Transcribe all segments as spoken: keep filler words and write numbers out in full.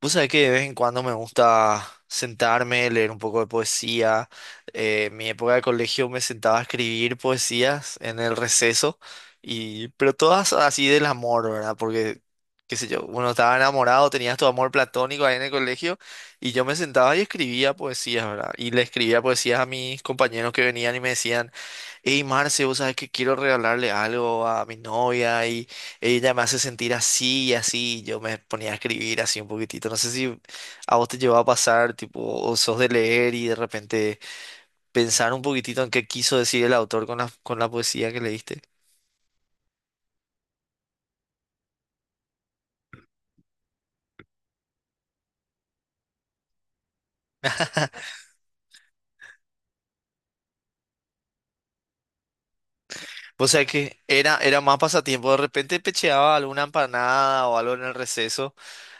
Vos sabés que de vez en cuando me gusta sentarme, leer un poco de poesía. Eh, en mi época de colegio me sentaba a escribir poesías en el receso, y, pero todas así del amor, ¿verdad? Porque, qué sé yo, uno estaba enamorado, tenías tu amor platónico ahí en el colegio, y yo me sentaba y escribía poesías, ¿verdad? Y le escribía poesías a mis compañeros que venían y me decían... Hey Marce, vos sabés que quiero regalarle algo a mi novia y ella me hace sentir así y así. Yo me ponía a escribir así un poquitito. No sé si a vos te llevó a pasar, tipo, o sos de leer y de repente pensar un poquitito en qué quiso decir el autor con la, con la poesía que leíste. Vos sabés que era, era más pasatiempo. De repente pecheaba alguna empanada o algo en el receso.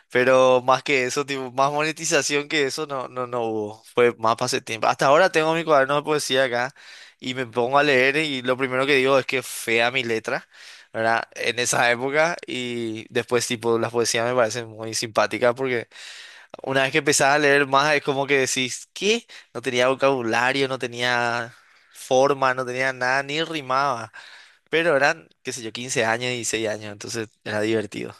Pero más que eso, tipo, más monetización que eso no, no, no hubo. Fue más pasatiempo. Hasta ahora tengo mi cuaderno de poesía acá y me pongo a leer y lo primero que digo es que fea mi letra, ¿verdad? En esa época y después, tipo, las poesías me parecen muy simpáticas porque una vez que empezás a leer más es como que decís, ¿qué? No tenía vocabulario, no tenía forma, no tenía nada, ni rimaba. Pero eran, qué sé yo, quince años, dieciséis años, entonces era divertido.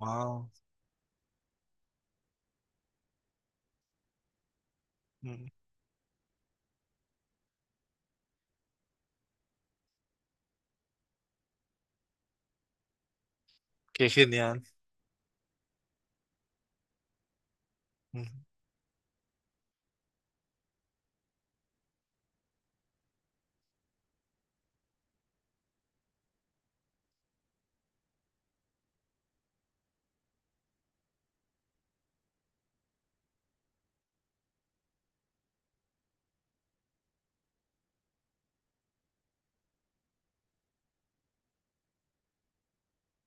Wow, mm, qué genial.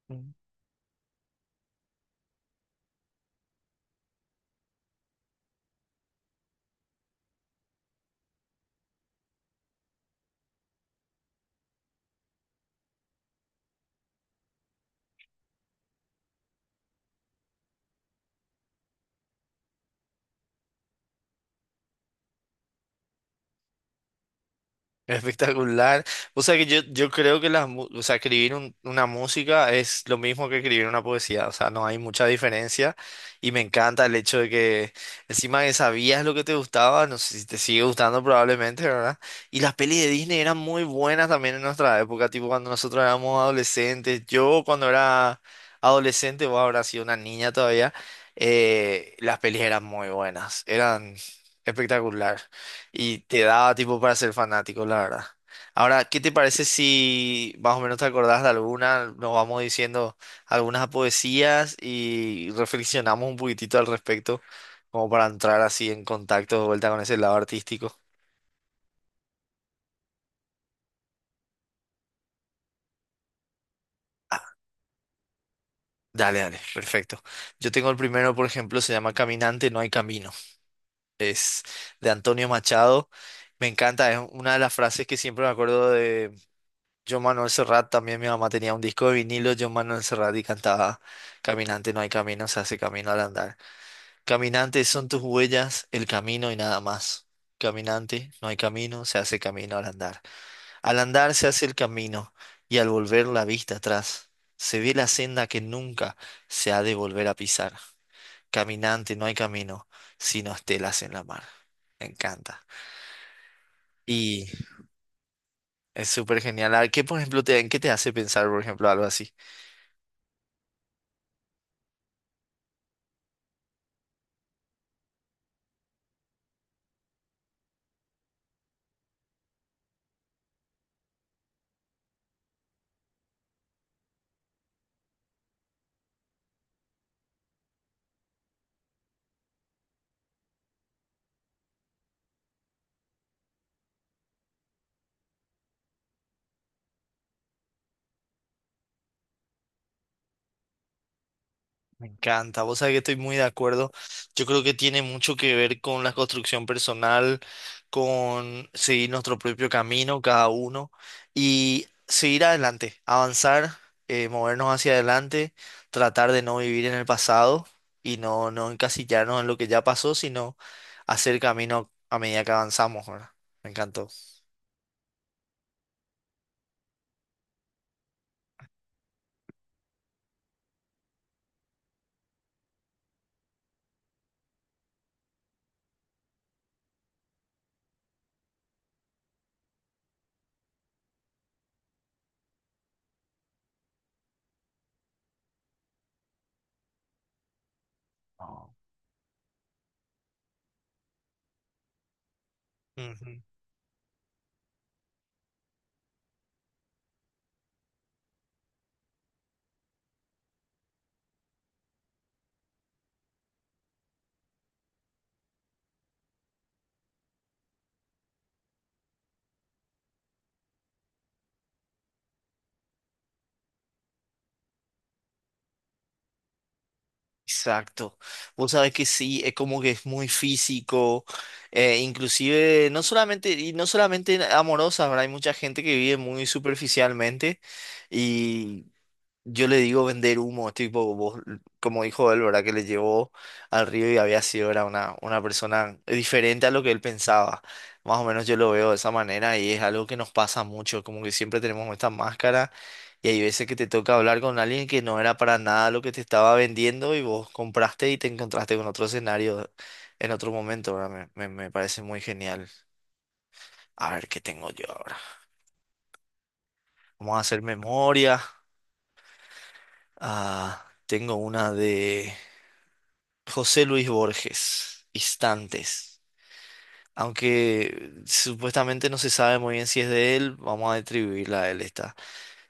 Ujú. Espectacular. O sea que yo, yo creo que las, mu- o sea, escribir un- una música es lo mismo que escribir una poesía, o sea, no hay mucha diferencia y me encanta el hecho de que encima que sabías lo que te gustaba, no sé si te sigue gustando probablemente, ¿verdad? Y las pelis de Disney eran muy buenas también en nuestra época, tipo cuando nosotros éramos adolescentes, yo cuando era adolescente, vos habrás sido una niña todavía, eh, las pelis eran muy buenas, eran espectacular. Y te daba tipo para ser fanático, la verdad. Ahora, ¿qué te parece si más o menos te acordás de alguna? Nos vamos diciendo algunas poesías y reflexionamos un poquitito al respecto, como para entrar así en contacto de vuelta con ese lado artístico. Ah, dale, dale, perfecto. Yo tengo el primero, por ejemplo, se llama Caminante, no hay camino. Es de Antonio Machado. Me encanta, es una de las frases que siempre me acuerdo. Yo Manuel Serrat, también mi mamá tenía un disco de vinilo, yo Manuel Serrat y cantaba Caminante no hay camino, se hace camino al andar. Caminante son tus huellas, el camino y nada más. Caminante no hay camino, se hace camino al andar. Al andar se hace el camino y al volver la vista atrás, se ve la senda que nunca se ha de volver a pisar. Caminante no hay camino, sino estelas en la mar. Me encanta. Y es súper genial. A ver, ¿qué, por ejemplo, te, en qué te hace pensar, por ejemplo, algo así? Me encanta, vos sabés que estoy muy de acuerdo. Yo creo que tiene mucho que ver con la construcción personal, con seguir nuestro propio camino, cada uno, y seguir adelante, avanzar, eh, movernos hacia adelante, tratar de no vivir en el pasado y no, no encasillarnos en lo que ya pasó, sino hacer camino a medida que avanzamos, ¿verdad? Me encantó. No. Ujú. Exacto. Vos sabés que sí, es como que es muy físico, eh, inclusive no solamente, y no solamente amorosa, ¿verdad? Hay mucha gente que vive muy superficialmente, yo le digo vender humo, tipo, vos, como dijo él, ¿verdad? Que le llevó al río y había sido, era una, una persona diferente a lo que él pensaba. Más o menos yo lo veo de esa manera y es algo que nos pasa mucho, como que siempre tenemos esta máscara y hay veces que te toca hablar con alguien que no era para nada lo que te estaba vendiendo y vos compraste y te encontraste con otro escenario en otro momento, ¿verdad? Me, me, me parece muy genial. A ver, ¿qué tengo yo ahora? Vamos a hacer memoria. Ah, tengo una de... José Luis Borges, Instantes. Aunque supuestamente no se sabe muy bien si es de él, vamos a atribuirla a él esta.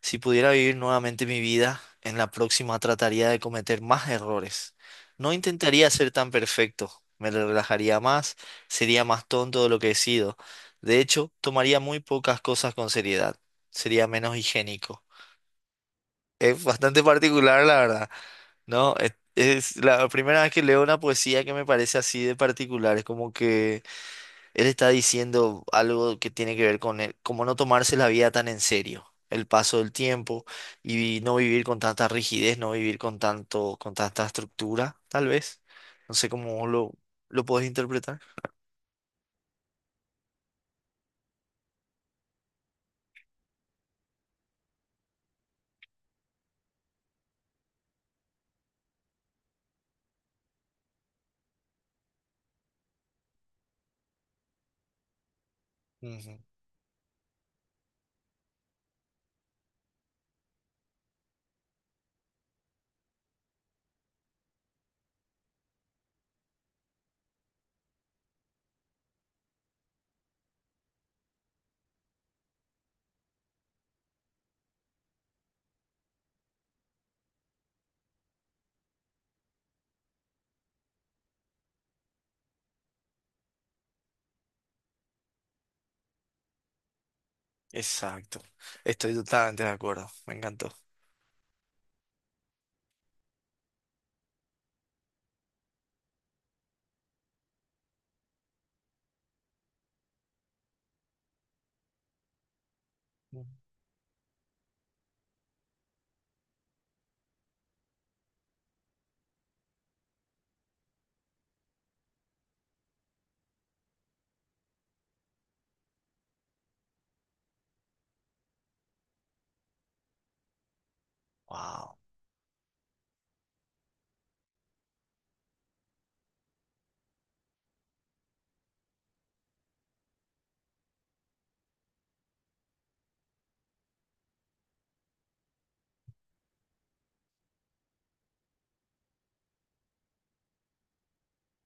Si pudiera vivir nuevamente mi vida, en la próxima trataría de cometer más errores. No intentaría ser tan perfecto, me relajaría más, sería más tonto de lo que he sido. De hecho, tomaría muy pocas cosas con seriedad, sería menos higiénico. Es bastante particular, la verdad. No, es, es la primera vez que leo una poesía que me parece así de particular. Es como que él está diciendo algo que tiene que ver con él, como no tomarse la vida tan en serio, el paso del tiempo y no vivir con tanta rigidez, no vivir con tanto, con tanta estructura, tal vez. No sé cómo vos lo, lo podés interpretar. Ujú. Exacto. Estoy totalmente de acuerdo. Me encantó. Wow.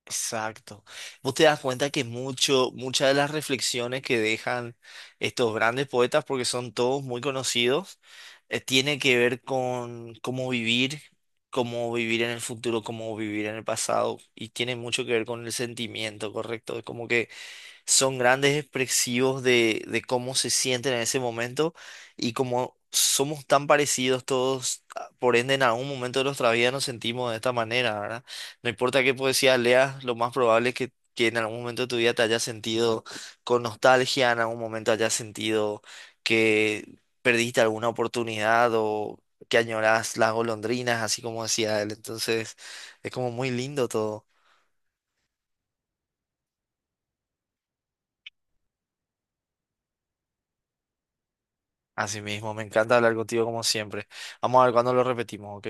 Exacto. Vos te das cuenta que mucho, muchas de las reflexiones que dejan estos grandes poetas, porque son todos muy conocidos, eh, tiene que ver con cómo vivir, cómo vivir en el futuro, cómo vivir en el pasado, y tiene mucho que ver con el sentimiento, ¿correcto? Es como que son grandes expresivos de, de cómo se sienten en ese momento y como somos tan parecidos todos, ah, por ende en algún momento de nuestra vida nos sentimos de esta manera, ¿verdad? No importa qué poesía leas, lo más probable es que, que en algún momento de tu vida te hayas sentido con nostalgia, en algún momento hayas sentido que perdiste alguna oportunidad o que añoras las golondrinas, así como decía él. Entonces, es como muy lindo todo. Así mismo, me encanta hablar contigo como siempre. Vamos a ver cuándo lo repetimos, ¿ok?